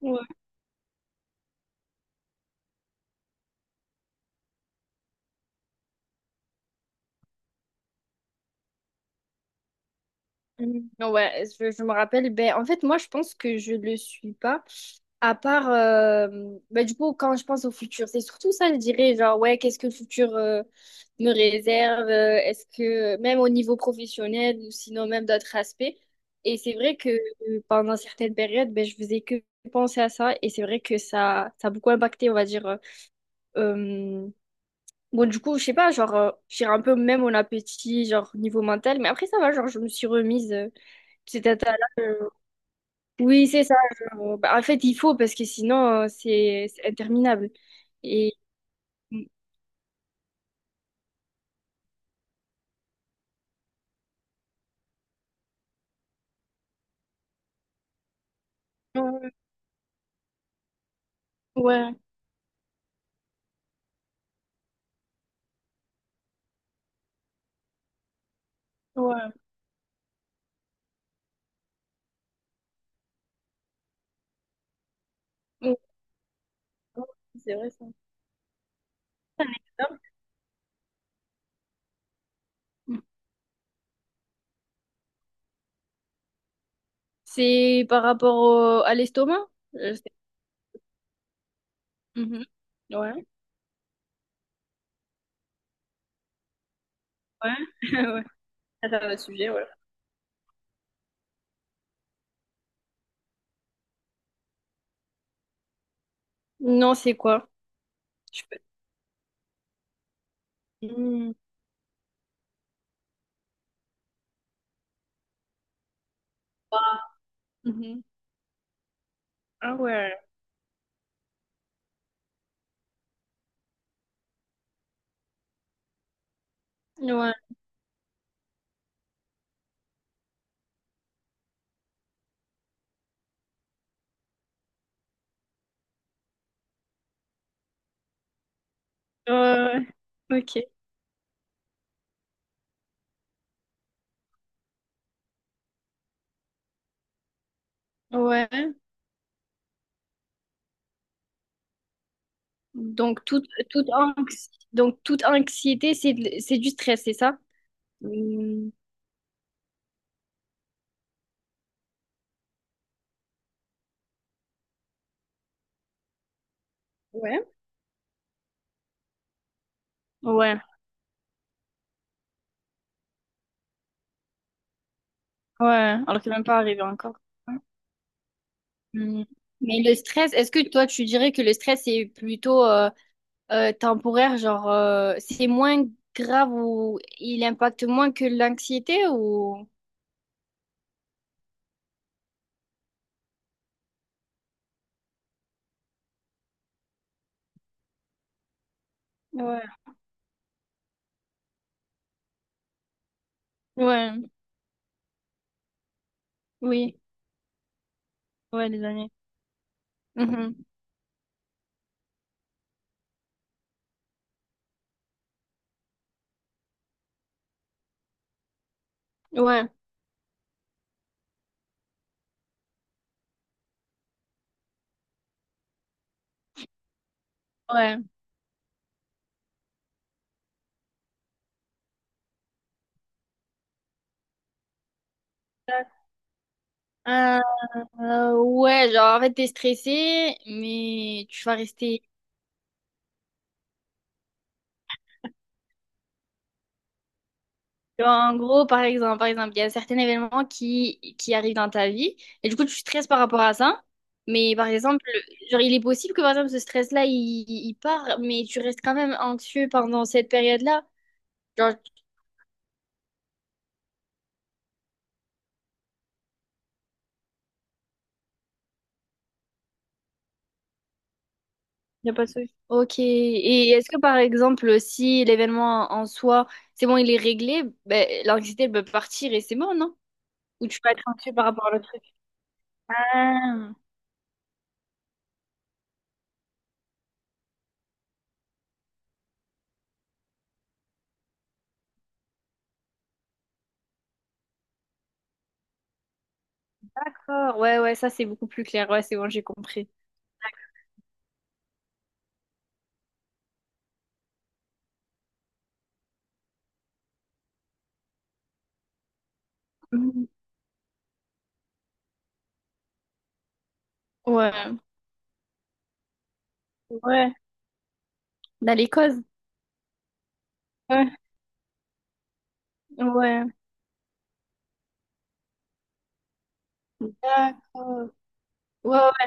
Ouais. Mm. Ouais, je me rappelle. Moi, je pense que je le suis pas. À part, du coup, quand je pense au futur, c'est surtout ça, je dirais, genre, ouais, qu'est-ce que le futur me réserve? Est-ce que, même au niveau professionnel ou sinon même d'autres aspects. Et c'est vrai que pendant certaines périodes, ben, je faisais que penser à ça. Et c'est vrai que ça a beaucoup impacté, on va dire. Euh, Bon, du coup, je sais pas, genre, j'ai un peu même mon appétit, genre, niveau mental. Mais après, ça va, genre, je me suis remise. Cet état-là, oui, c'est ça. Bah, en fait, il faut parce que sinon, c'est interminable. Et Euh, ouais, ouais, ouais, c'est vrai ça. Non. C'est par rapport au- à l'estomac? Euh, c'est- Mhm. Ouais, ouais, ouais. Ça, c'est un autre sujet, ouais. Non, c'est quoi? Je peux- Hmm, mhm. Ah ouais. Ouais. Euh, ok. Ouais. Donc donc toute anxiété, c'est du stress, c'est ça? Ouais. Ouais, ouais, alors que c'est même pas arrivé encore. Hmm. Mais le stress, est-ce que toi, tu dirais que le stress est plutôt temporaire, genre c'est moins grave ou il impacte moins que l'anxiété ou… Ouais, ouais, oui, ouais, les années. Mhm. Ouais, ouais. Euh, ouais, genre en fait, t'es stressé, mais tu vas rester. En gros, par exemple, il y a certains événements qui arrivent dans ta vie et du coup, tu stresses par rapport à ça. Mais par exemple, genre, il est possible que par exemple, il part, mais tu restes quand même anxieux pendant cette période-là. Genre, il n'y a pas de souci. Ok. Et est-ce que par exemple, si l'événement en soi, c'est bon, il est réglé, ben, l'anxiété, elle peut partir et c'est bon, non? Ou tu vas être anxieux par rapport à l'autre truc? Ah, d'accord. Ouais, ouais, ça, c'est beaucoup plus clair. Ouais, c'est bon, j'ai compris. Mhm. Ouais. Ouais. Dans les causes. Ouais, ouais, d'accord. Ouais, ouais.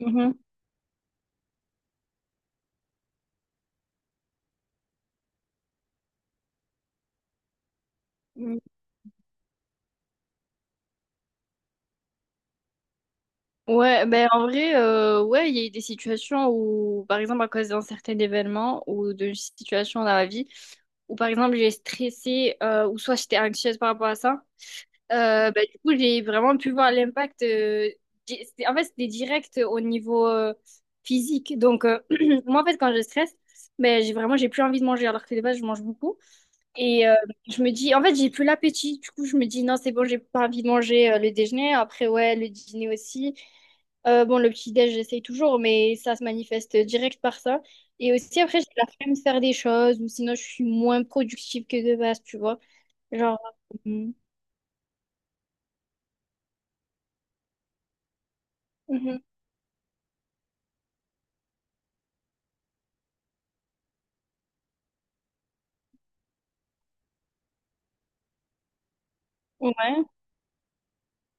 Mhm, mhm. Ouais, ben en vrai, ouais, il y a eu des situations où, par exemple, à cause d'un certain événement ou d'une situation dans la vie, où par exemple j'ai stressé ou soit j'étais anxieuse par rapport à ça, ben, du coup j'ai vraiment pu voir l'impact. En fait, c'était direct au niveau physique. Donc, moi en fait, quand je stresse, ben, j'ai plus envie de manger alors que de base je mange beaucoup. Et je me dis, en fait, j'ai plus l'appétit. Du coup, je me dis, non, c'est bon, j'ai pas envie de manger le déjeuner. Après, ouais, le dîner aussi. Bon, le petit-déj, j'essaye toujours, mais ça se manifeste direct par ça. Et aussi, après, j'ai la flemme de faire des choses, ou sinon, je suis moins productive que de base, tu vois. Genre, euh, mhm. Ouais,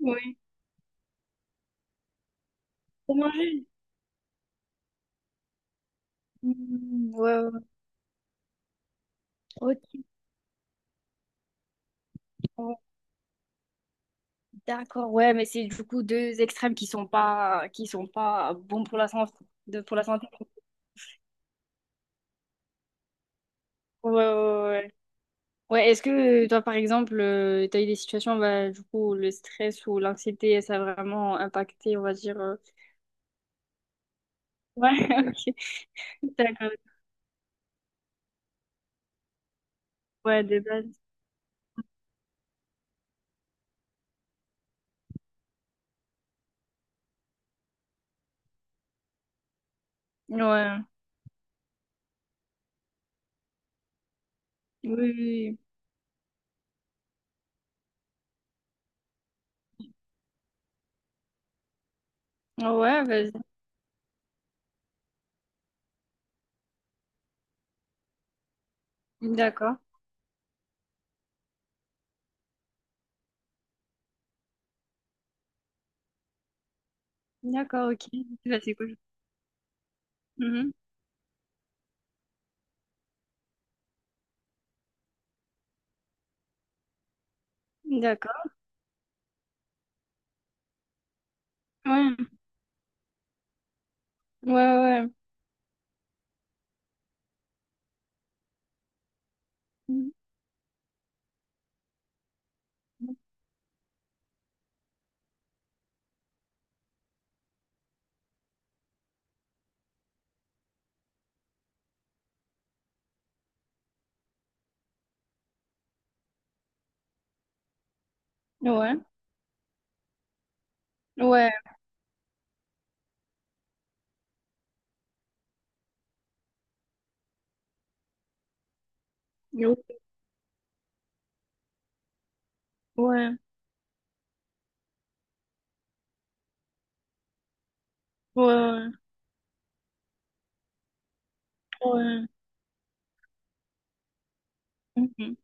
ouais. Pour manger. Mhm, ouais, ouais. Ok, bon, d'accord, ouais, mais c'est du coup deux extrêmes qui sont pas bons pour la santé. De, pour la santé. Ouais, ouais, ouais. Ouais, est-ce que toi, par exemple, t'as eu des situations, bah, du coup, où le stress ou l'anxiété, ça a vraiment impacté, on va dire. Ouais, ok. D'accord. Ouais, de base. Ouais. Oui, oui, oui. Ouais, vas-y. D'accord. D'accord, ok. Bah, c'est cool. Mhm. D'accord. Ouais. Ouais, ouais. Mhm. Ouais. Ouais. Ouais. Ouais. Ouais. Ouais. Mhm.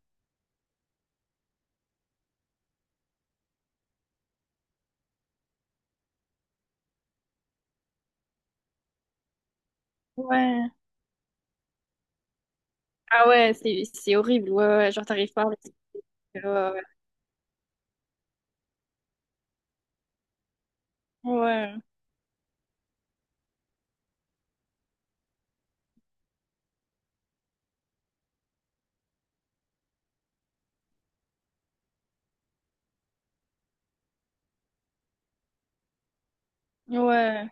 Ouais. Ah ouais, c'est horrible. Ouais, ouais. Genre, t'arrives pas à respirer. Ouais, ouais. Ouais. Ouais.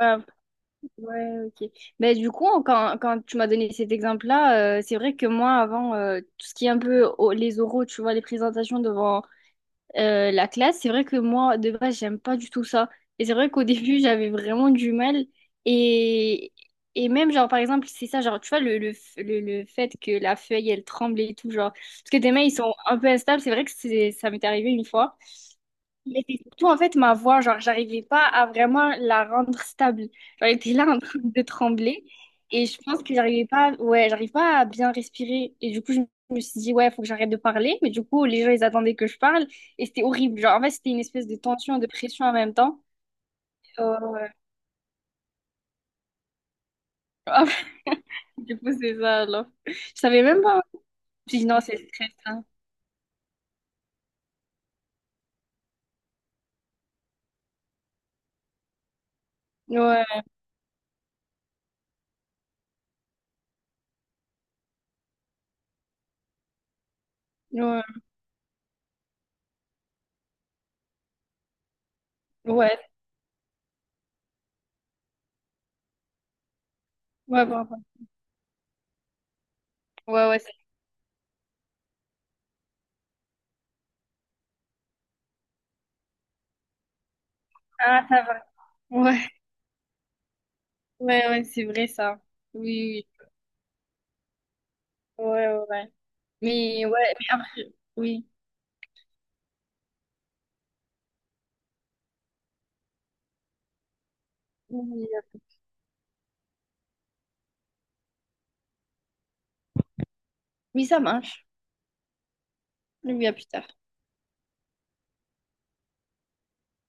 Ouais, ouais, ok. Mais du coup, quand tu m'as donné cet exemple-là, c'est vrai que moi, avant, tout ce qui est un peu les oraux, tu vois, les présentations devant la classe, c'est vrai que moi, de base, j'aime pas du tout ça. Et c'est vrai qu'au début, j'avais vraiment du mal. Et, et même, genre, par exemple, c'est ça, genre, tu vois, le fait que la feuille, elle tremble et tout, genre, parce que tes mains, ils sont un peu instables, c'est vrai que c'est, ça m'est arrivé une fois. Mais c'est surtout en fait ma voix, genre j'arrivais pas à vraiment la rendre stable. Genre, elle était là en train de trembler et je pense que j'arrive pas à bien respirer. Et du coup, je me suis dit, ouais, faut que j'arrête de parler. Mais du coup, les gens, ils attendaient que je parle et c'était horrible. Genre, en fait, c'était une espèce de tension et de pression en même temps. Ouais. Du coup, c'est ça alors. Je savais même pas. J'ai dit, non, c'est le stress, hein. Ouais, ouais, ouais, ouais, bon, bon. Ouais, ouais, ah, ça va. Ouais, ouais, ouais, c'est vrai ça. Oui, oui. Ouais, ouais, ouais. Mais ouais, mais après, oui. Oui, oui, oui, ça marche. Oui, à plus tard.